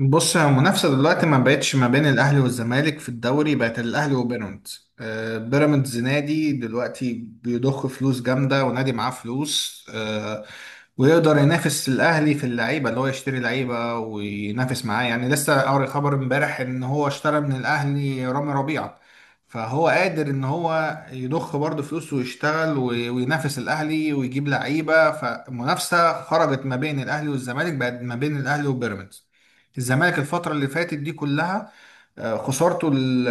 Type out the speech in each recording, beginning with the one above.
بص، المنافسة دلوقتي ما بقتش ما بين الأهلي والزمالك في الدوري، بقت الأهلي وبيراميدز. بيراميدز نادي دلوقتي بيضخ فلوس جامدة، ونادي معاه فلوس ويقدر ينافس الأهلي في اللعيبة، اللي هو يشتري لعيبة وينافس معاه، يعني لسه قاري خبر امبارح إن هو اشترى من الأهلي رامي ربيعة. فهو قادر إن هو يضخ برضه فلوس ويشتغل وينافس الأهلي ويجيب لعيبة. فمنافسة خرجت ما بين الأهلي والزمالك، بقت ما بين الأهلي وبيراميدز. الزمالك الفترة اللي فاتت دي كلها خسارته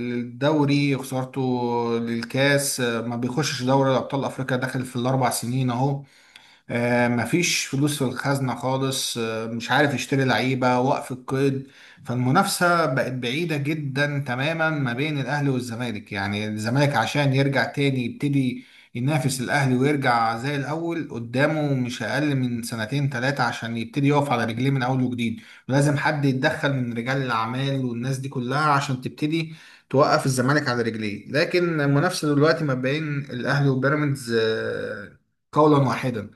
للدوري، خسارته للكاس، ما بيخشش دوري أبطال أفريقيا داخل في الـ4 سنين أهو. مفيش فلوس في الخزنة خالص، مش عارف يشتري لعيبة، وقف القيد. فالمنافسة بقت بعيدة جدا تماما ما بين الأهلي والزمالك. يعني الزمالك عشان يرجع تاني يبتدي ينافس الأهلي ويرجع زي الأول قدامه مش أقل من سنتين تلاتة، عشان يبتدي يقف على رجليه من أول وجديد. ولازم حد يتدخل من رجال الأعمال والناس دي كلها عشان تبتدي توقف الزمالك على رجليه. لكن المنافسة دلوقتي ما بين الأهلي وبيراميدز قولا واحدا.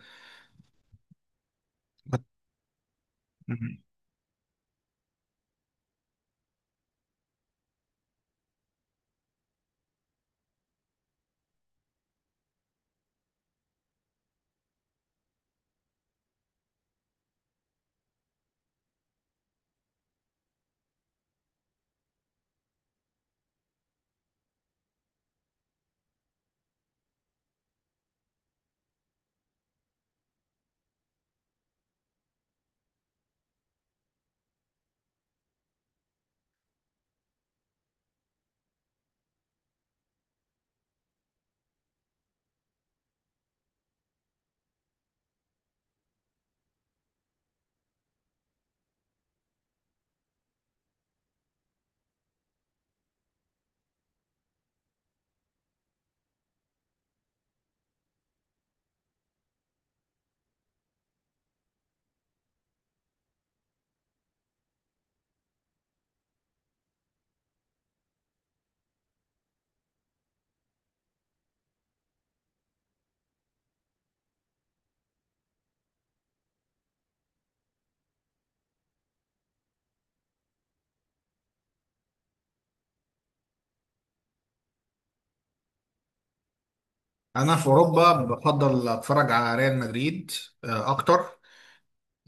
انا في اوروبا بفضل اتفرج على ريال مدريد اكتر،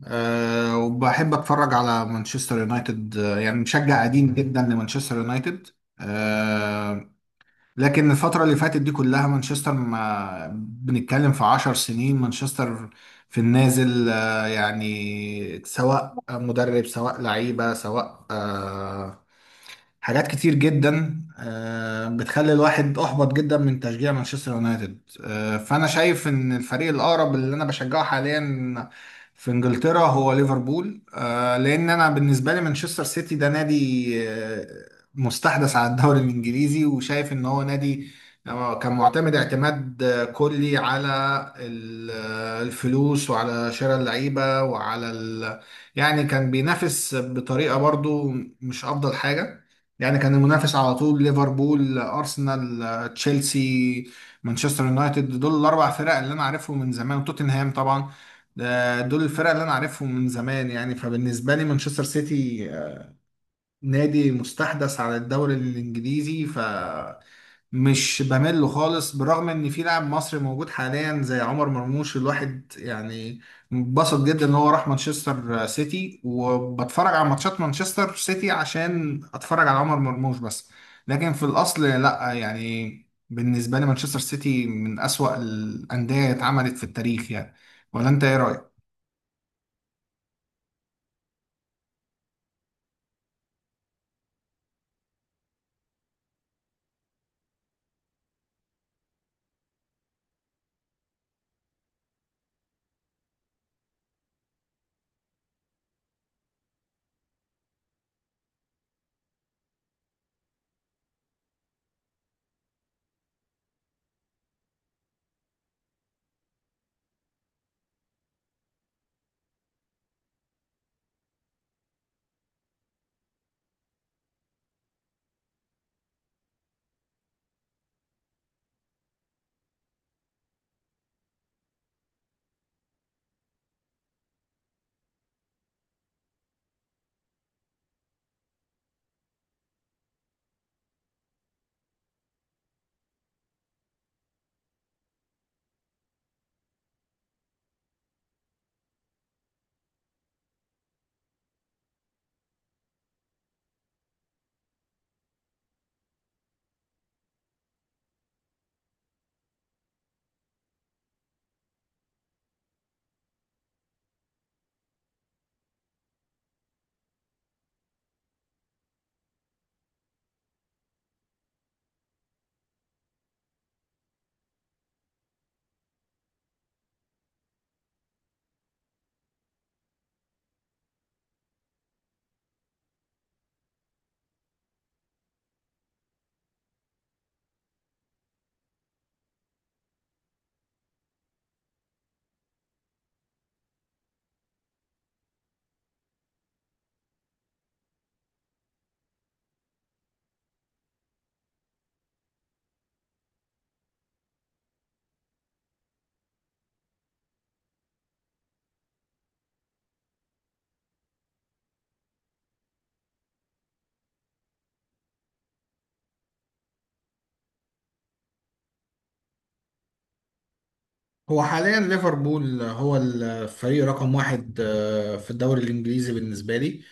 وبحب اتفرج على مانشستر يونايتد. يعني مشجع قديم جدا لمانشستر يونايتد. آه، لكن الفترة اللي فاتت دي كلها مانشستر، ما بنتكلم في 10 سنين. مانشستر في النازل. يعني سواء مدرب، سواء لعيبة، سواء حاجات كتير جدا بتخلي الواحد احبط جدا من تشجيع مانشستر يونايتد. فانا شايف ان الفريق الاقرب اللي انا بشجعه حاليا في انجلترا هو ليفربول. لان انا بالنسبه لي مانشستر سيتي ده نادي مستحدث على الدوري الانجليزي، وشايف ان هو نادي كان معتمد اعتماد كلي على الفلوس، وعلى شراء اللعيبه، وعلى يعني كان بينافس بطريقه برضو مش افضل حاجه. يعني كان المنافس على طول ليفربول، ارسنال، تشيلسي، مانشستر يونايتد، دول الـ4 فرق اللي انا عارفهم من زمان، وتوتنهام طبعا. دول الفرق اللي انا عارفهم من زمان. يعني فبالنسبه لي مانشستر سيتي نادي مستحدث على الدوري الانجليزي، ف مش بمل له خالص، بالرغم ان في لاعب مصري موجود حاليا زي عمر مرموش. الواحد يعني انبسط جدا ان هو راح مانشستر سيتي، وبتفرج على ماتشات مانشستر سيتي عشان اتفرج على عمر مرموش بس، لكن في الاصل لا يعني. بالنسبة لي مانشستر سيتي من اسوأ الاندية اتعملت في التاريخ يعني. ولا انت ايه رأيك؟ هو حاليا ليفربول هو الفريق رقم 1 في الدوري الإنجليزي بالنسبة لي.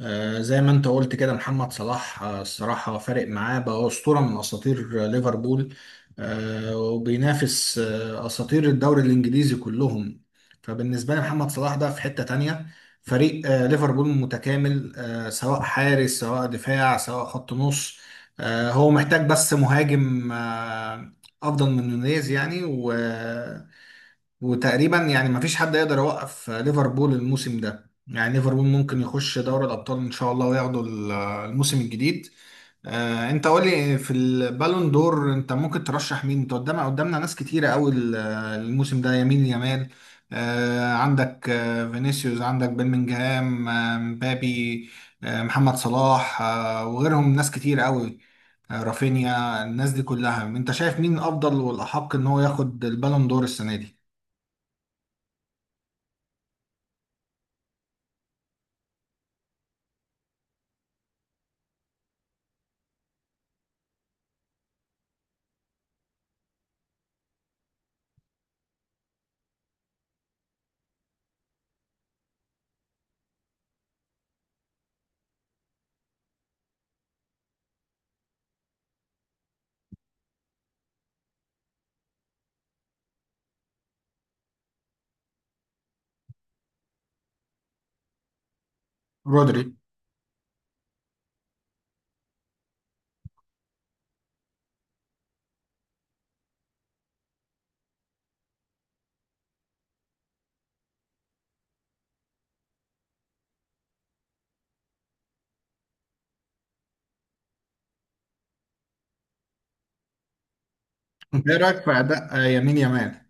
زي ما انت قلت كده محمد صلاح، الصراحة فارق معاه، بقى أسطورة من أساطير ليفربول. وبينافس أساطير الدوري الإنجليزي كلهم. فبالنسبة لي محمد صلاح ده في حتة تانية. فريق ليفربول متكامل، سواء حارس، سواء دفاع، سواء خط نص. هو محتاج بس مهاجم أفضل من نونيز، يعني وتقريبا يعني مفيش حد يقدر يوقف ليفربول الموسم ده. يعني ليفربول ممكن يخش دوري الأبطال إن شاء الله، وياخدوا الموسم الجديد. أنت قولي في البالون دور أنت ممكن ترشح مين؟ أنت قدامنا ناس كتيرة أوي الموسم ده. يمين يامال، عندك فينيسيوس، عندك بيلمنجهام، مبابي، محمد صلاح وغيرهم ناس كتير أوي، رافينيا. الناس دي كلها أنت شايف مين أفضل والأحق إن هو ياخد البالون دور السنة دي؟ رودري. ايه رايك في اداء يمين يمان؟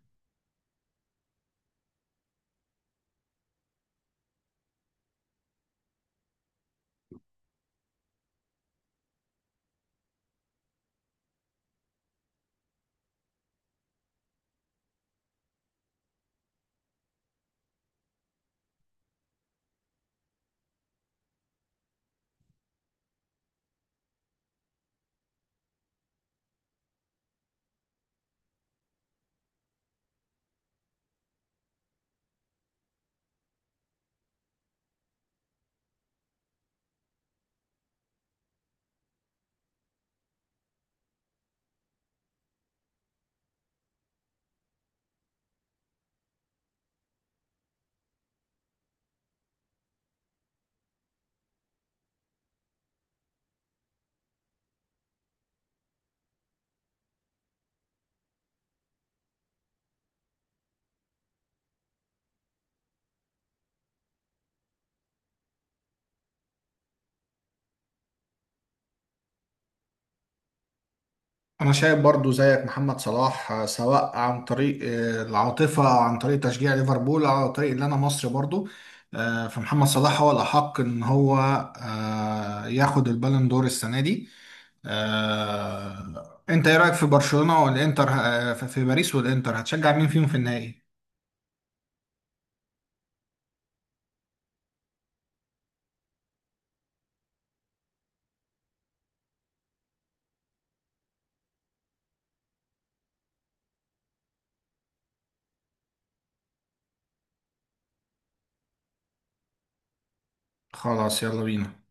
انا شايف برضو زيك محمد صلاح، سواء عن طريق العاطفه، او عن طريق تشجيع ليفربول، او عن طريق اللي انا مصري برضو. فمحمد صلاح هو الاحق ان هو ياخد البالون دور السنه دي. انت ايه رايك في برشلونه والانتر في باريس والانتر؟ هتشجع مين فيهم في النهائي؟ خلاص، يلا بينا.